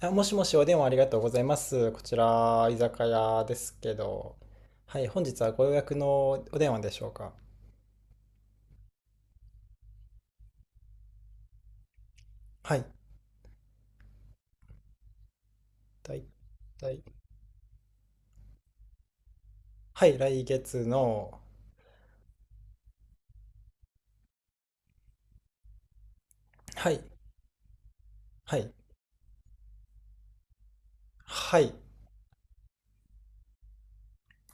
あ、もしもし、お電話ありがとうございます。こちら、居酒屋ですけど。はい、本日はご予約のお電話でしょうか。はい、だいい。はい、来月の、はい、はい、はい。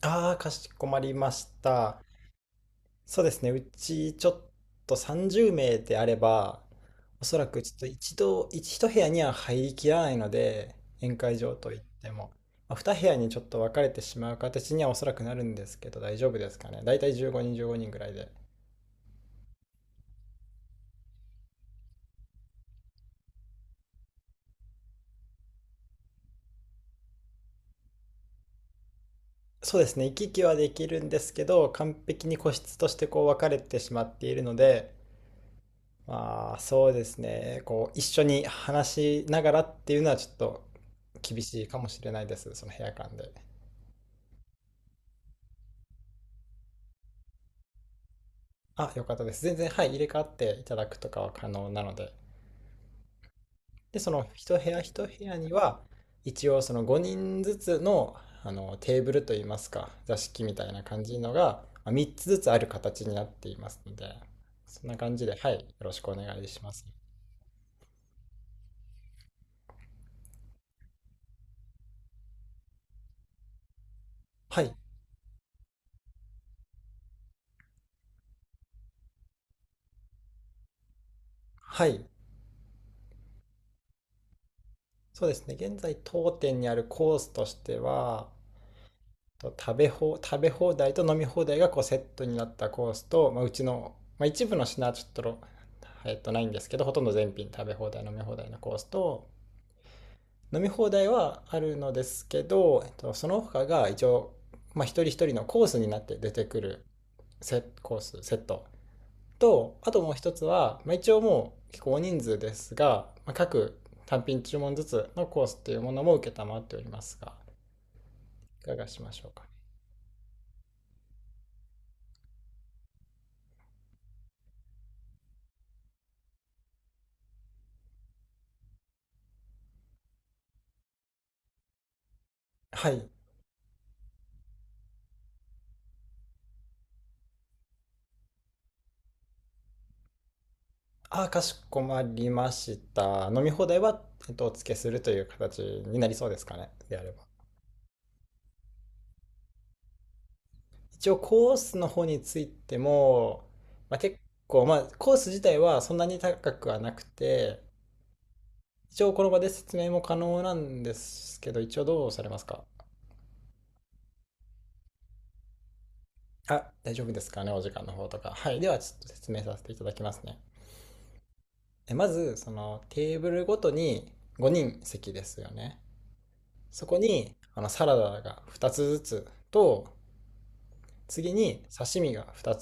ああ、かしこまりました。そうですね。うちちょっと30名であれば、おそらくちょっと一度、一部屋には入りきらないので、宴会場といっても、まあ、2部屋にちょっと分かれてしまう形にはおそらくなるんですけど、大丈夫ですかね。だいたい15人、15人ぐらいで。そうですね。行き来はできるんですけど、完璧に個室としてこう分かれてしまっているので、まあ、そうですね。こう一緒に話しながらっていうのはちょっと厳しいかもしれないです。その部屋間で。あ、よかったです。全然、はい、入れ替わっていただくとかは可能なので。で、その一部屋一部屋には、一応その5人ずつの、あのテーブルといいますか、座敷みたいな感じのが、まあ、3つずつある形になっていますので、そんな感じで、はい、よろしくお願いします。はい、はい。そうですね。現在当店にあるコースとしては、と食べ放題と飲み放題がこうセットになったコースと、まあ、うちの、まあ、一部の品はちょっとないんですけど、ほとんど全品食べ放題飲み放題のコースと、飲み放題はあるのですけど、その他が一応、まあ、一人一人のコースになって出てくるコースセットと、あともう一つは、まあ、一応もう結構大人数ですが、まあ、各単品注文ずつのコースっていうものも承っておりますが、いかがしましょうかね。はい。あ、かしこまりました。飲み放題は、お付けするという形になりそうですかね。であれば。一応、コースの方についても、まあ、結構、まあ、コース自体はそんなに高くはなくて、一応、この場で説明も可能なんですけど、一応どうされますか。あ、大丈夫ですかね、お時間の方とか。はい。では、ちょっと説明させていただきますね。え、まず、その、テーブルごとに5人席ですよね。そこに、あの、サラダが2つずつと、次に刺身が2つ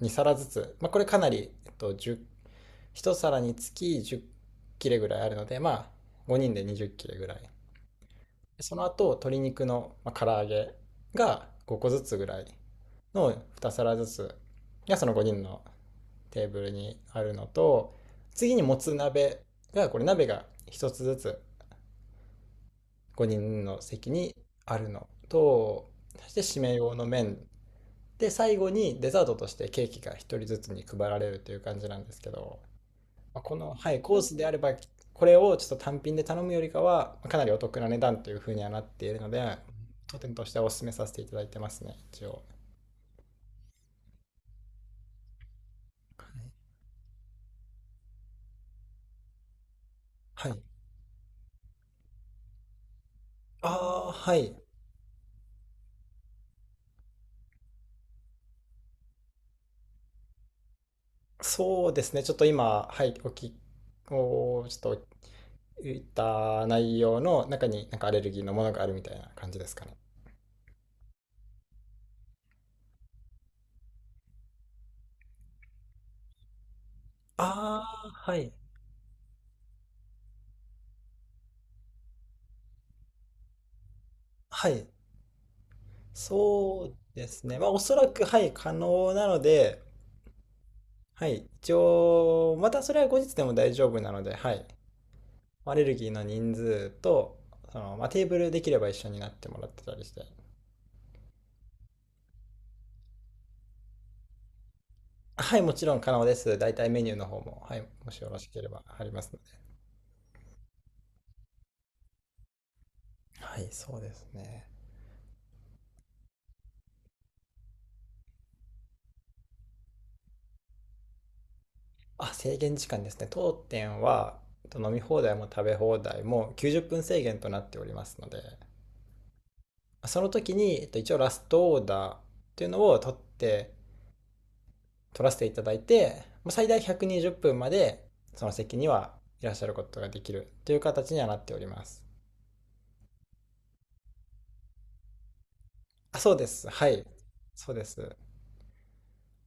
に皿ずつ、まあ、これかなり、10皿につき10切れぐらいあるので、まあ5人で20切れぐらい。その後鶏肉の、まあ、唐揚げが5個ずつぐらいの2皿ずつがその5人のテーブルにあるのと、次にもつ鍋が、これ鍋が1つずつ5人の席にあるのと、そして締め用の麺で、最後にデザートとしてケーキが一人ずつに配られるという感じなんですけど、この、はい、コースであれば、これをちょっと単品で頼むよりかはかなりお得な値段というふうにはなっているので、当店としてはお勧めさせていただいてますね、一応。はい。ああ、はい、そうですね。ちょっと今、はい、お聞きおちょっと言った内容の中になんかアレルギーのものがあるみたいな感じですかね。ああ、はい。はい、そうですね。まあ、おそらく、はい、可能なので、はい、一応、またそれは後日でも大丈夫なので、はい、アレルギーの人数と、その、まあ、テーブルできれば一緒になってもらってたりして。はい、もちろん可能です。大体メニューの方も、はい、もしよろしければありますので。はい、そうですね。あ、制限時間ですね。当店は、飲み放題も食べ放題も90分制限となっておりますので、その時に、一応ラストオーダーっていうのを取って、取らせていただいて、最大120分までその席にはいらっしゃることができるという形にはなっております。あ、そうです。はい。そうです。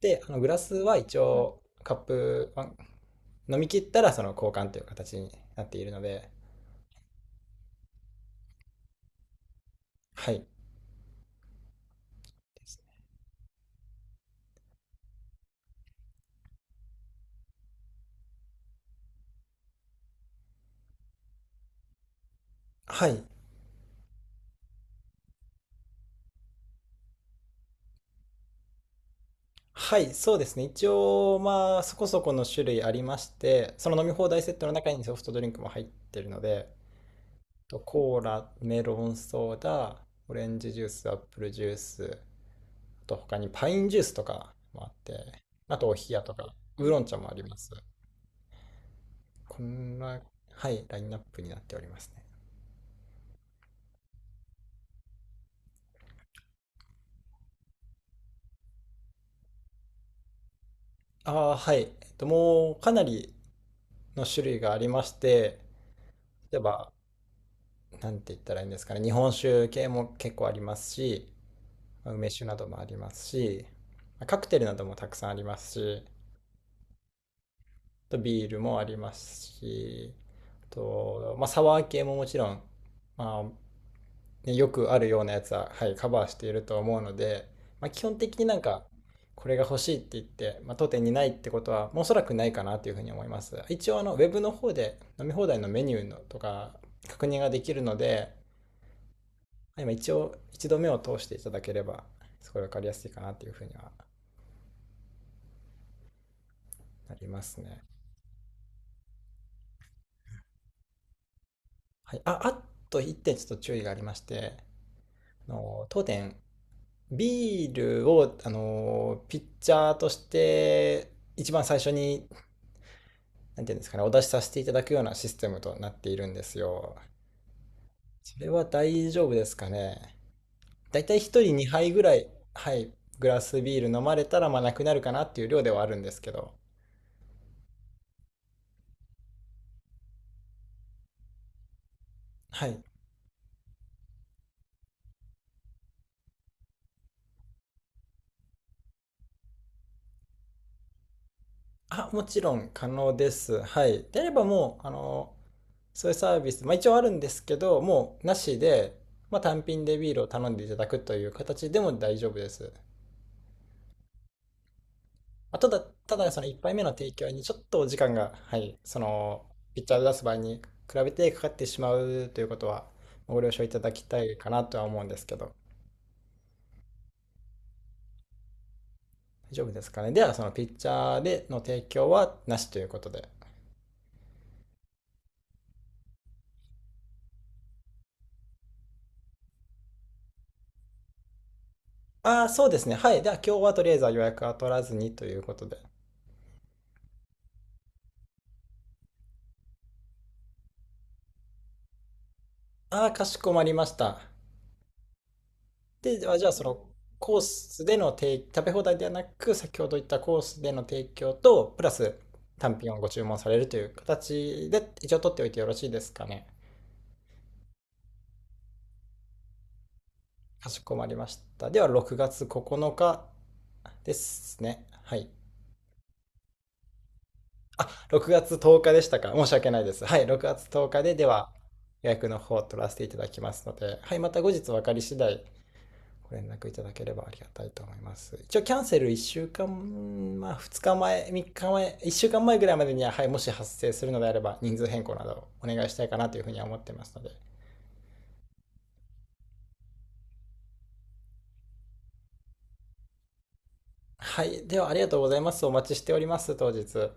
で、あのグラスは一応カップは飲み切ったらその交換という形になっているので、はい。はい。はい、そうですね。一応、まあ、そこそこの種類ありまして、その飲み放題セットの中にソフトドリンクも入ってるので、とコーラ、メロンソーダ、オレンジジュース、アップルジュース、あと他にパインジュースとかもあって、あとお冷やとか、ウーロン茶もあります。こんな、はい、ラインナップになっておりますね。ああ、はい。もうかなりの種類がありまして、例えば、なんて言ったらいいんですかね、日本酒系も結構ありますし、まあ梅酒などもありますし、まあカクテルなどもたくさんありますし、あとビールもありますし、あと、まあ、サワー系ももちろん、まあ、ね、よくあるようなやつは、はい、カバーしていると思うので、まあ、基本的になんかこれが欲しいって言って、まあ、当店にないってことは、おそらくないかなというふうに思います。一応あのウェブの方で飲み放題のメニューのとか確認ができるので、まあ今一応一度目を通していただければ、すごい分かりやすいかなというふうにはなりますね。はい、ああと1点ちょっと注意がありまして、あの当店ビールをあのピッチャーとして一番最初に、なんていうんですかね、お出しさせていただくようなシステムとなっているんですよ。それは大丈夫ですかね。だいたい1人2杯ぐらい、はい、グラスビール飲まれたら、まあなくなるかなっていう量ではあるんですけど。はい。あ、もちろん可能です。はい。であればもう、あの、そういうサービス、まあ一応あるんですけど、もうなしで、まあ単品でビールを頼んでいただくという形でも大丈夫です。あ、ただ、ただその1杯目の提供にちょっと時間が、はい、そのピッチャーを出す場合に比べてかかってしまうということはご了承いただきたいかなとは思うんですけど、大丈夫ですかね。では、そのピッチャーでの提供はなしということで。ああ、そうですね。はい。では、今日はとりあえずは予約は取らずにということで。ああ、かしこまりました。で、あ、じゃあ、そのコースでの食べ放題ではなく、先ほど言ったコースでの提供と、プラス単品をご注文されるという形で一応取っておいてよろしいですかね。かしこまりました。では6月9日ですね。はい。6月10日でしたか。申し訳ないです。はい。6月10日で、では予約の方を取らせていただきますので、はい。また後日分かり次第ご連絡いただければありがたいと思います。一応キャンセル1週間、まあ2日前、3日前、1週間前ぐらいまでには、はい、もし発生するのであれば人数変更などお願いしたいかなというふうには思ってますので。はい。ではありがとうございます。お待ちしております、当日。